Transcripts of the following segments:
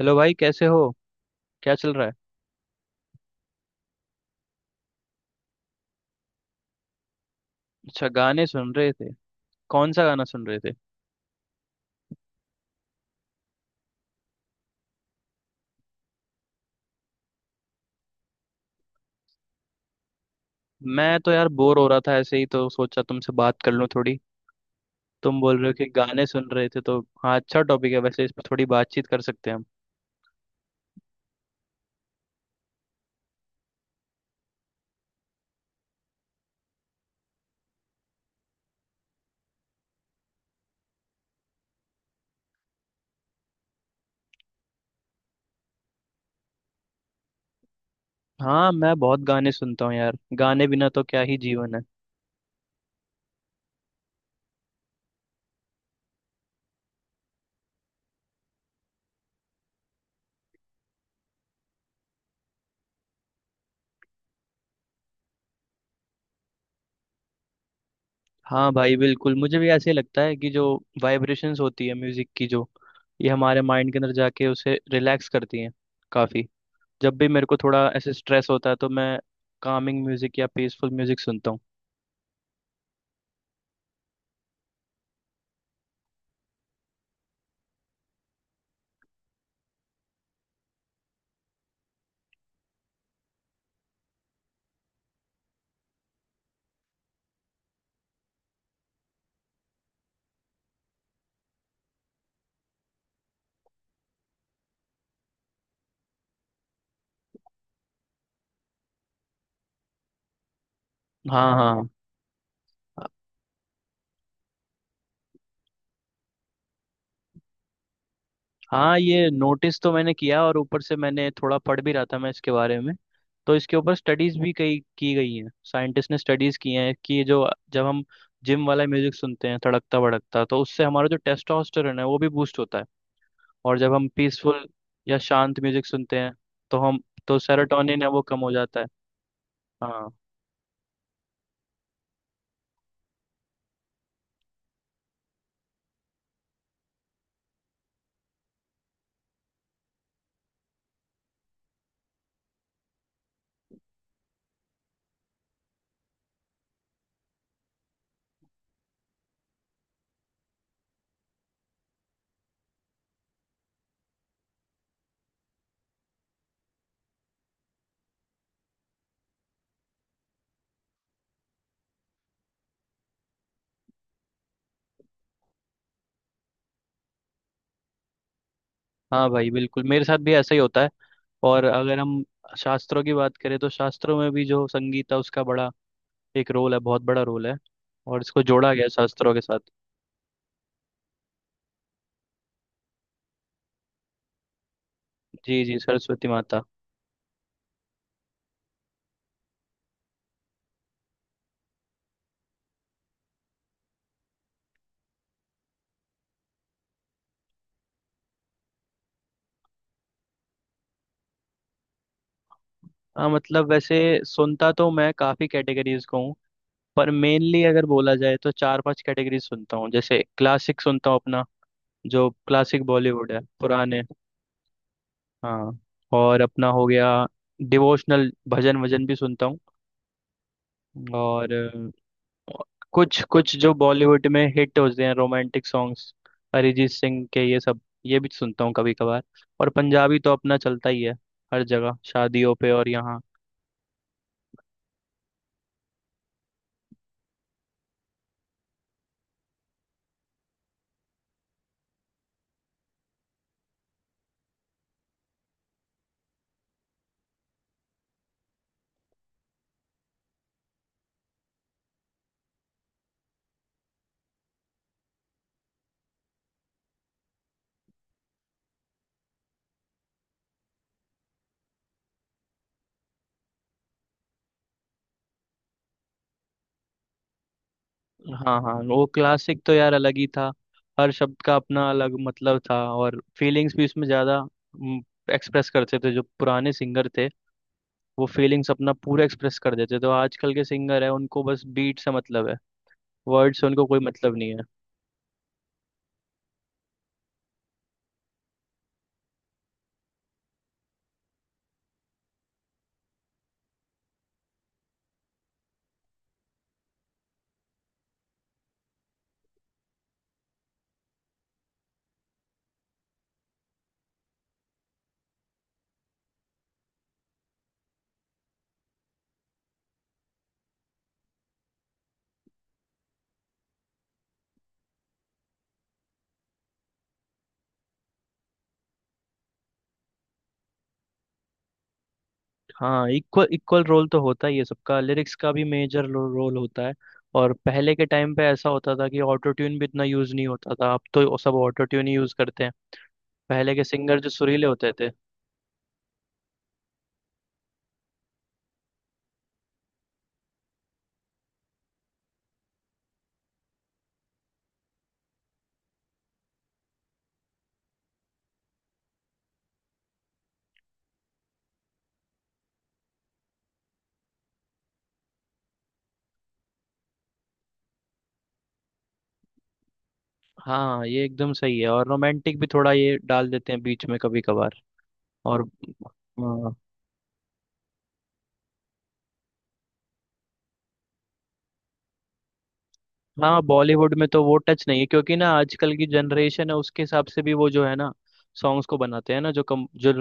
Hello भाई, कैसे हो। क्या चल रहा है। अच्छा, गाने सुन रहे थे। कौन सा गाना सुन रहे थे। मैं तो यार बोर हो रहा था, ऐसे ही तो सोचा तुमसे बात कर लूं थोड़ी। तुम बोल रहे हो कि गाने सुन रहे थे तो हाँ, अच्छा टॉपिक है वैसे, इस पर थोड़ी बातचीत कर सकते हैं हम। हाँ, मैं बहुत गाने सुनता हूँ यार, गाने बिना तो क्या ही जीवन है। हाँ भाई, बिल्कुल मुझे भी ऐसे ही लगता है कि जो वाइब्रेशंस होती है म्यूजिक की, जो ये हमारे माइंड के अंदर जाके उसे रिलैक्स करती हैं काफी। जब भी मेरे को थोड़ा ऐसे स्ट्रेस होता है तो मैं कामिंग म्यूजिक या पीसफुल म्यूजिक सुनता हूँ। हाँ, हाँ। हाँ, ये नोटिस तो मैंने किया, और ऊपर से मैंने थोड़ा पढ़ भी रहा था मैं इसके बारे में। तो इसके ऊपर स्टडीज भी कई की गई हैं, साइंटिस्ट ने स्टडीज की हैं कि ये जो, जब हम जिम वाला म्यूजिक सुनते हैं धड़कता भड़कता, तो उससे हमारा जो टेस्टोस्टेरोन है वो भी बूस्ट होता है। और जब हम पीसफुल या शांत म्यूजिक सुनते हैं तो हम, तो सेरोटोनिन है वो कम हो जाता है। हाँ। हाँ भाई, बिल्कुल मेरे साथ भी ऐसा ही होता है। और अगर हम शास्त्रों की बात करें, तो शास्त्रों में भी जो संगीत है उसका बड़ा एक रोल है, बहुत बड़ा रोल है। और इसको जोड़ा गया है शास्त्रों के साथ। जी जी, सरस्वती माता। हाँ, मतलब वैसे सुनता तो मैं काफ़ी कैटेगरीज को हूँ, पर मेनली अगर बोला जाए तो चार पांच कैटेगरी सुनता हूँ। जैसे क्लासिक सुनता हूँ अपना, जो क्लासिक बॉलीवुड है पुराने। हाँ। और अपना हो गया डिवोशनल, भजन वजन भी सुनता हूँ। और कुछ कुछ जो बॉलीवुड में हिट होते हैं रोमांटिक सॉन्ग्स, अरिजीत सिंह के ये सब, ये भी सुनता हूँ कभी कभार। और पंजाबी तो अपना चलता ही है हर जगह, शादियों पे और यहाँ। हाँ हाँ, वो क्लासिक तो यार अलग ही था। हर शब्द का अपना अलग मतलब था, और फीलिंग्स भी उसमें ज़्यादा एक्सप्रेस करते थे जो पुराने सिंगर थे। वो फीलिंग्स अपना पूरा एक्सप्रेस कर देते थे। तो आजकल के सिंगर है उनको बस बीट से मतलब है, वर्ड से उनको कोई मतलब नहीं है। हाँ, इक्वल इक्वल रोल तो होता ही है सबका, लिरिक्स का भी मेजर रोल होता है। और पहले के टाइम पे ऐसा होता था कि ऑटो ट्यून भी इतना यूज नहीं होता था, अब तो सब ऑटो ट्यून ही यूज करते हैं। पहले के सिंगर जो सुरीले होते थे। हाँ, ये एकदम सही है। और रोमांटिक भी थोड़ा ये डाल देते हैं बीच में कभी कभार। और हाँ, बॉलीवुड में तो वो टच नहीं है, क्योंकि ना आजकल की जनरेशन है उसके हिसाब से भी वो जो है ना, सॉन्ग्स को बनाते हैं ना, जो कम जो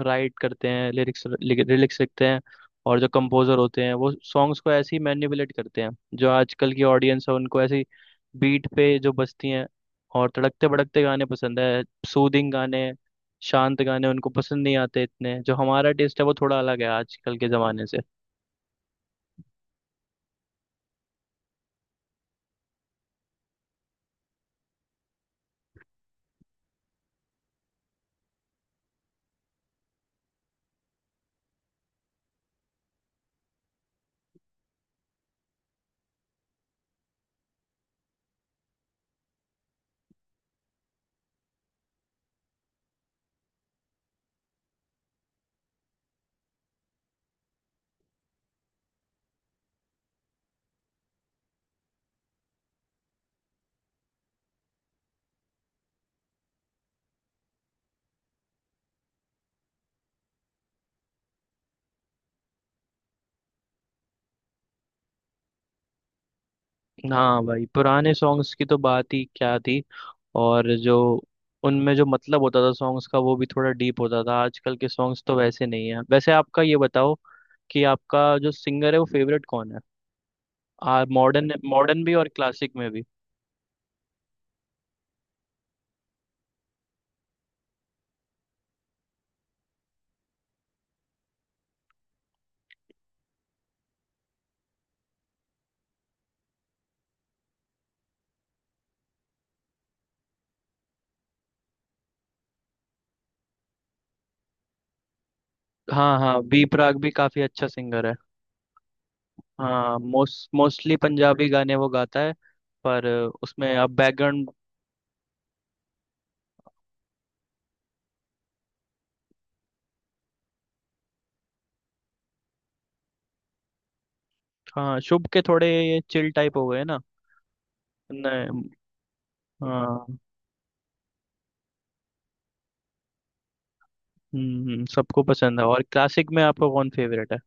राइट करते हैं लिरिक्स, लिरिक्स लिखते हैं। और जो कंपोजर होते हैं वो सॉन्ग्स को ऐसे ही मैनिपुलेट करते हैं। जो आजकल की ऑडियंस है उनको ऐसी बीट पे जो बजती हैं और तड़कते भड़कते गाने पसंद है। सूदिंग गाने, शांत गाने उनको पसंद नहीं आते इतने। जो हमारा टेस्ट है वो थोड़ा अलग है आजकल के ज़माने से। हाँ भाई, पुराने सॉन्ग्स की तो बात ही क्या थी। और जो उनमें जो मतलब होता था सॉन्ग्स का वो भी थोड़ा डीप होता था, आजकल के सॉन्ग्स तो वैसे नहीं है। वैसे आपका ये बताओ, कि आपका जो सिंगर है वो फेवरेट कौन है। आ मॉडर्न, मॉडर्न भी और क्लासिक में भी। हाँ हाँ, बी प्राक भी काफी अच्छा सिंगर है। हाँ, मोस्टली पंजाबी गाने वो गाता है, पर उसमें अब बैकग्राउंड। हाँ, शुभ के थोड़े ये चिल टाइप हो गए ना। नहीं। हाँ। सबको पसंद है। और क्लासिक में आपका कौन फेवरेट है।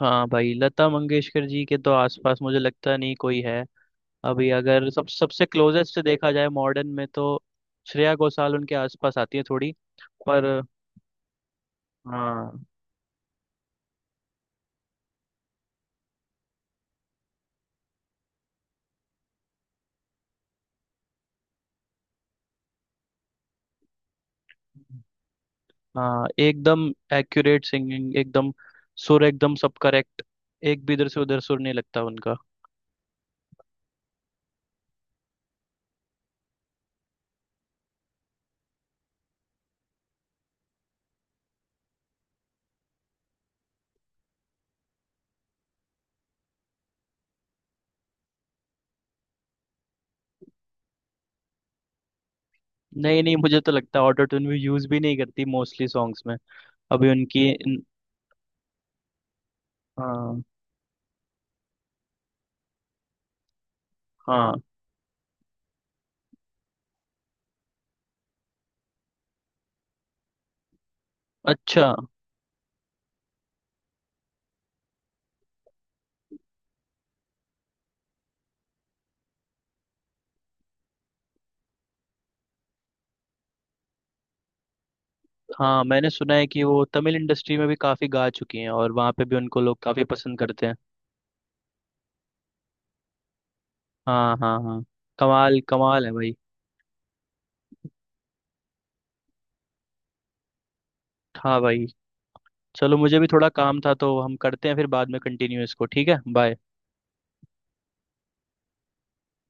हाँ भाई, लता मंगेशकर जी के तो आसपास मुझे लगता नहीं कोई है। अभी अगर सब सबसे क्लोजेस्ट देखा जाए मॉडर्न में, तो श्रेया घोषाल उनके आसपास आती है थोड़ी। पर हाँ। हाँ एकदम, एक्यूरेट सिंगिंग एकदम। सुर एकदम सब करेक्ट, एक भी इधर से उधर सुर नहीं लगता उनका। नहीं नहीं, मुझे तो लगता है ऑटो ट्यून भी यूज भी नहीं करती मोस्टली सॉन्ग्स में। अभी उनकी इन- हाँ। हाँ। अच्छा। हाँ, मैंने सुना है कि वो तमिल इंडस्ट्री में भी काफी गा चुकी हैं, और वहाँ पे भी उनको लोग काफी पसंद करते हैं। हाँ हाँ हाँ, कमाल कमाल है भाई। हाँ भाई। चलो, मुझे भी थोड़ा काम था, तो हम करते हैं फिर बाद में कंटिन्यू इसको, ठीक है। बाय।